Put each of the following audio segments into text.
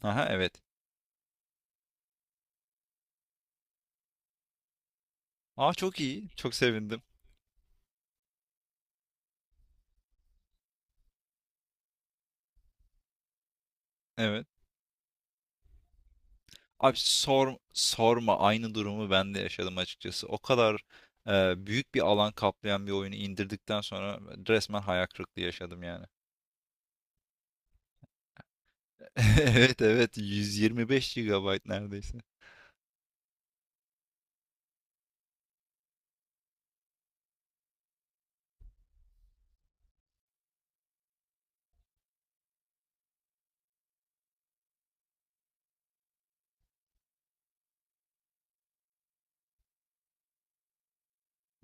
Aha evet. Aa, çok iyi. Çok sevindim. Evet. Abi sorma aynı durumu ben de yaşadım açıkçası. O kadar büyük bir alan kaplayan bir oyunu indirdikten sonra resmen hayal kırıklığı yaşadım yani. Evet, evet, 125 gigabayt neredeyse.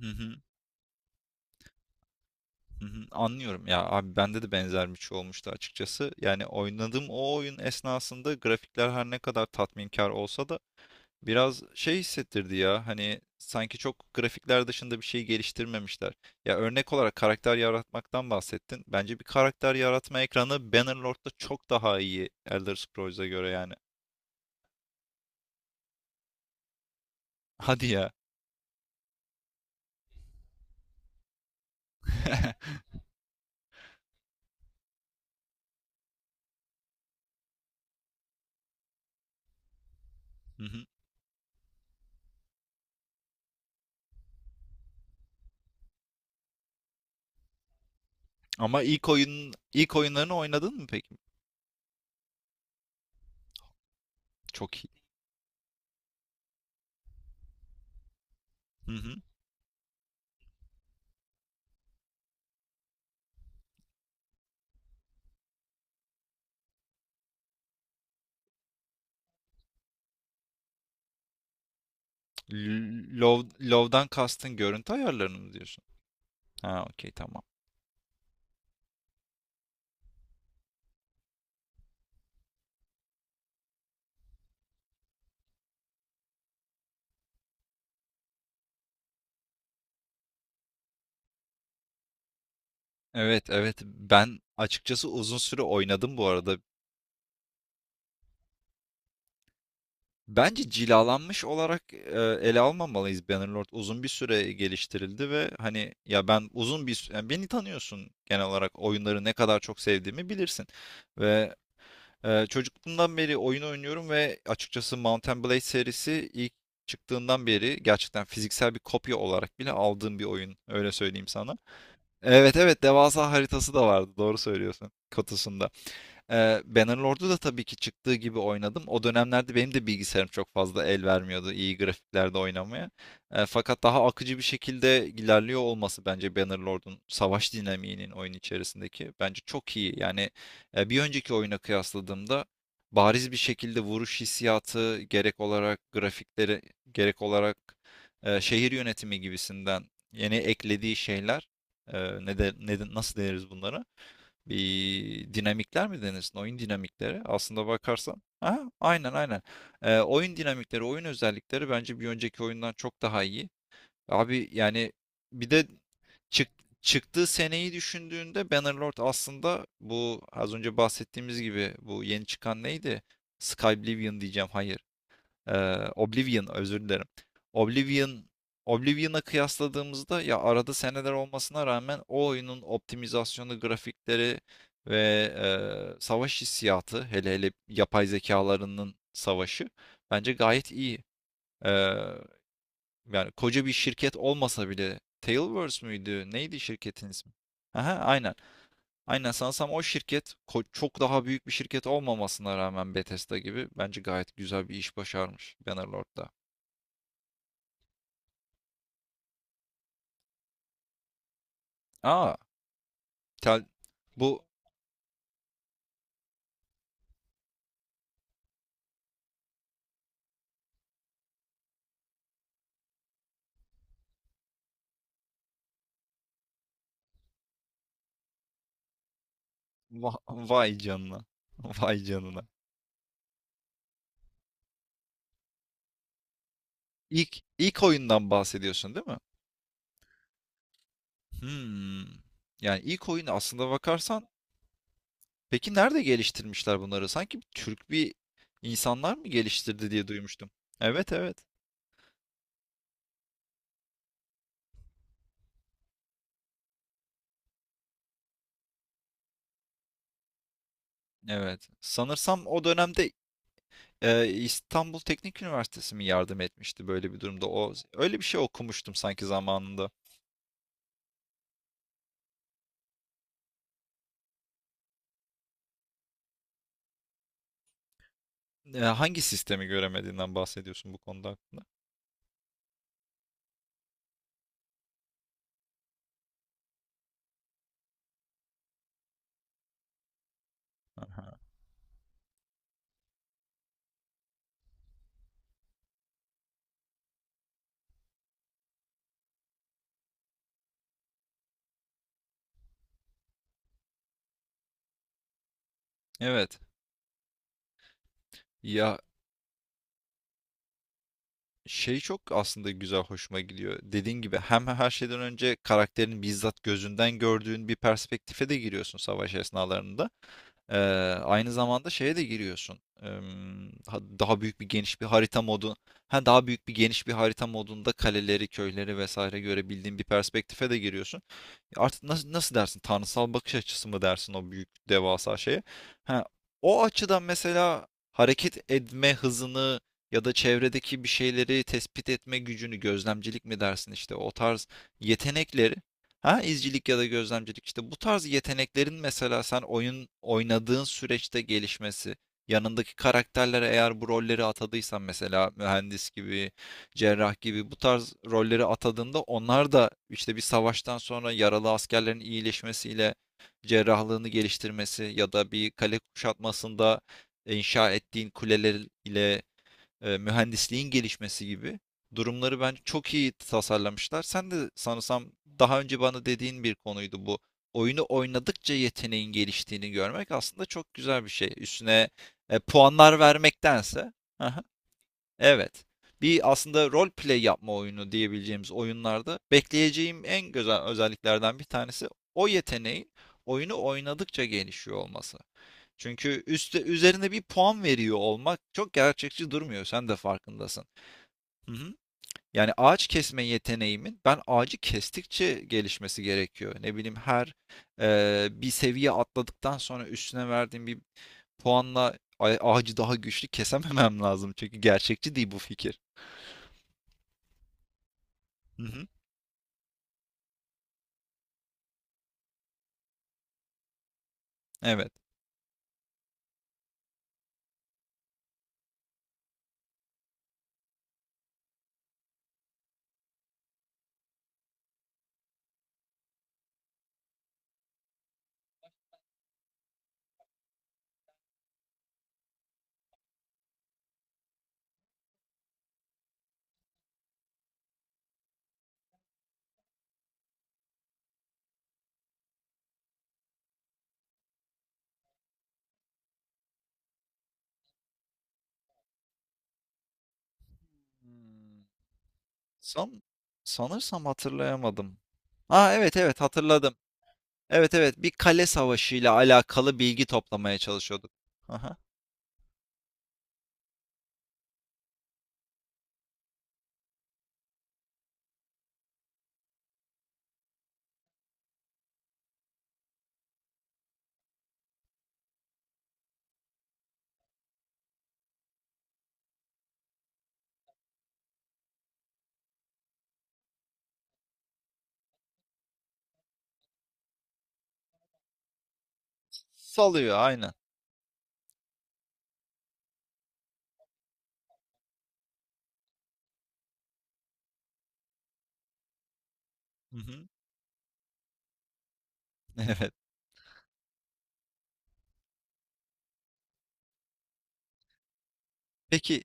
Hı hı, hı hı. Anlıyorum ya abi, bende de benzer bir şey olmuştu açıkçası. Yani oynadığım o oyun esnasında grafikler her ne kadar tatminkar olsa da biraz şey hissettirdi ya, hani sanki çok grafikler dışında bir şey geliştirmemişler. Ya, örnek olarak karakter yaratmaktan bahsettin. Bence bir karakter yaratma ekranı Bannerlord'da çok daha iyi Elder Scrolls'a göre yani. Hadi ya. Hı hı. Ama ilk oyunlarını oynadın mı peki? Çok iyi. Hı hı. Love'dan kastın görüntü ayarlarını mı diyorsun? Ha, okey, tamam. Evet, evet, ben açıkçası uzun süre oynadım bu arada. Bence cilalanmış olarak ele almamalıyız Bannerlord. Uzun bir süre geliştirildi ve hani ya ben yani beni tanıyorsun, genel olarak oyunları ne kadar çok sevdiğimi bilirsin. Ve çocukluğumdan beri oyun oynuyorum ve açıkçası Mount Blade serisi ilk çıktığından beri gerçekten fiziksel bir kopya olarak bile aldığım bir oyun, öyle söyleyeyim sana. Evet, evet, devasa haritası da vardı, doğru söylüyorsun, kutusunda. Bannerlord'u da tabii ki çıktığı gibi oynadım. O dönemlerde benim de bilgisayarım çok fazla el vermiyordu iyi grafiklerde oynamaya. Fakat daha akıcı bir şekilde ilerliyor olması, bence Bannerlord'un savaş dinamiğinin oyun içerisindeki bence çok iyi. Yani bir önceki oyuna kıyasladığımda bariz bir şekilde vuruş hissiyatı gerek olarak grafikleri, gerek olarak şehir yönetimi gibisinden yeni eklediği şeyler, nasıl deniriz bunlara? Bir dinamikler mi denirsin? Oyun dinamikleri. Aslında bakarsan. Ha, aynen, aynen. Oyun dinamikleri, oyun özellikleri bence bir önceki oyundan çok daha iyi. Abi yani, bir de çık, çıktığı seneyi düşündüğünde Bannerlord aslında, bu az önce bahsettiğimiz gibi, bu yeni çıkan neydi? Skyblivion diyeceğim. Hayır. Oblivion, özür dilerim. Oblivion Oblivion'a kıyasladığımızda ya, arada seneler olmasına rağmen o oyunun optimizasyonu, grafikleri ve savaş hissiyatı, hele hele yapay zekalarının savaşı bence gayet iyi. Ee, Yani koca bir şirket olmasa bile, Tailverse müydü? Neydi şirketin ismi? Aha, aynen. Aynen, sanırsam o şirket çok daha büyük bir şirket olmamasına rağmen Bethesda gibi, bence gayet güzel bir iş başarmış Bannerlord'da. Aa, tel bu va- vay canına. Vay canına. İlk oyundan bahsediyorsun değil mi? Hmm. Yani ilk oyunu, aslında bakarsan, peki nerede geliştirmişler bunları? Sanki Türk bir insanlar mı geliştirdi diye duymuştum. Evet, evet. Evet. Sanırsam o dönemde İstanbul Teknik Üniversitesi mi yardım etmişti böyle bir durumda? O, öyle bir şey okumuştum sanki zamanında. Hangi sistemi göremediğinden bahsediyorsun bu konuda hakkında? Aha. Evet. Ya, şey, çok aslında güzel, hoşuma gidiyor. Dediğin gibi, hem her şeyden önce karakterin bizzat gözünden gördüğün bir perspektife de giriyorsun savaş esnalarında. Ee, Aynı zamanda şeye de giriyorsun. Daha büyük bir geniş bir harita modu. Ha, daha büyük bir geniş bir harita modunda kaleleri, köyleri vesaire görebildiğin bir perspektife de giriyorsun. Artık nasıl dersin? Tanrısal bakış açısı mı dersin o büyük devasa şeye? Ha, o açıdan mesela hareket etme hızını ya da çevredeki bir şeyleri tespit etme gücünü, gözlemcilik mi dersin işte o tarz yetenekleri. Ha, izcilik ya da gözlemcilik işte, bu tarz yeteneklerin mesela sen oyun oynadığın süreçte gelişmesi, yanındaki karakterlere eğer bu rolleri atadıysan, mesela mühendis gibi, cerrah gibi, bu tarz rolleri atadığında onlar da işte bir savaştan sonra yaralı askerlerin iyileşmesiyle cerrahlığını geliştirmesi ya da bir kale kuşatmasında inşa ettiğin kuleler ile mühendisliğin gelişmesi gibi durumları bence çok iyi tasarlamışlar. Sen de sanırsam daha önce bana dediğin bir konuydu bu. Oyunu oynadıkça yeteneğin geliştiğini görmek aslında çok güzel bir şey. Üstüne puanlar vermektense. Aha, evet. Bir, aslında rol play yapma oyunu diyebileceğimiz oyunlarda bekleyeceğim en güzel özelliklerden bir tanesi o yeteneğin oyunu oynadıkça gelişiyor olması. Çünkü üstte, üzerine bir puan veriyor olmak çok gerçekçi durmuyor. Sen de farkındasın. Hı hı. Yani ağaç kesme yeteneğimin ben ağacı kestikçe gelişmesi gerekiyor. Ne bileyim, her bir seviye atladıktan sonra üstüne verdiğim bir puanla ağacı daha güçlü kesememem lazım. Çünkü gerçekçi değil bu fikir. Hı hı. Evet. Hmm. San, sanırsam hatırlayamadım. Ha, evet, evet, hatırladım. Evet, evet, bir kale savaşıyla alakalı bilgi toplamaya çalışıyorduk. Aha. Salıyor, aynen. Hı hı. Evet. Peki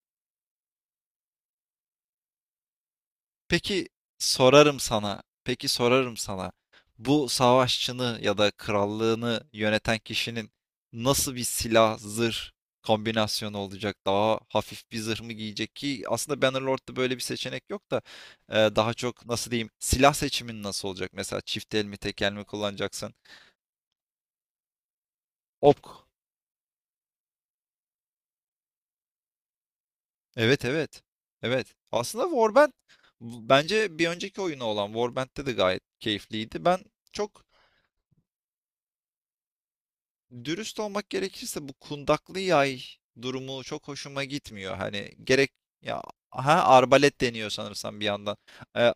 peki sorarım sana. Peki sorarım sana. Bu savaşçını ya da krallığını yöneten kişinin nasıl bir silah zırh kombinasyonu olacak? Daha hafif bir zırh mı giyecek ki, aslında Bannerlord'da böyle bir seçenek yok da, daha çok nasıl diyeyim, silah seçimin nasıl olacak? Mesela çift el mi, tek el mi kullanacaksın? Ok. Evet, evet. Evet. Aslında Warband, bence bir önceki oyunu olan Warband'de de gayet keyifliydi. Ben çok, dürüst olmak gerekirse, bu kundaklı yay durumu çok hoşuma gitmiyor. Hani gerek ya, ha, arbalet deniyor sanırsam bir yandan. Ee,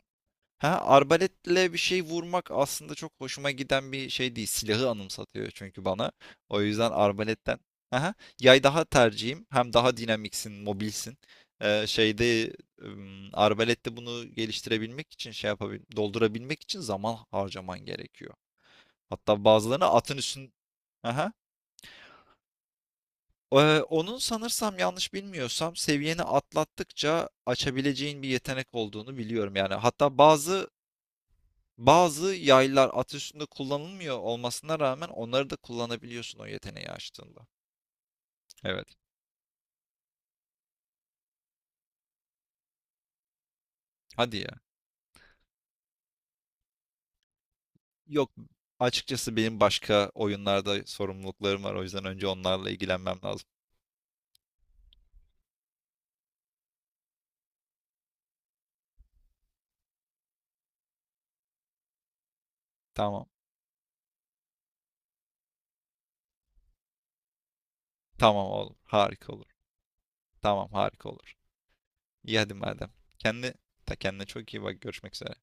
Ha, arbaletle bir şey vurmak aslında çok hoşuma giden bir şey değil. Silahı anımsatıyor çünkü bana. O yüzden arbaletten. Aha, yay daha tercihim. Hem daha dinamiksin, mobilsin. Ee, şeyde Arbalette bunu geliştirebilmek için şey yapabil doldurabilmek için zaman harcaman gerekiyor. Hatta bazılarını atın üstün. Aha. Onun sanırsam, yanlış bilmiyorsam, seviyeni atlattıkça açabileceğin bir yetenek olduğunu biliyorum yani. Hatta bazı yaylar at kullanılmıyor olmasına rağmen onları da kullanabiliyorsun o yeteneği açtığında. Evet. Hadi ya. Yok. Açıkçası benim başka oyunlarda sorumluluklarım var. O yüzden önce onlarla ilgilenmem lazım. Tamam. Tamam oğlum. Harika olur. Tamam, harika olur. İyi, hadi madem. Kendi, ta kendine çok iyi bak. Görüşmek üzere.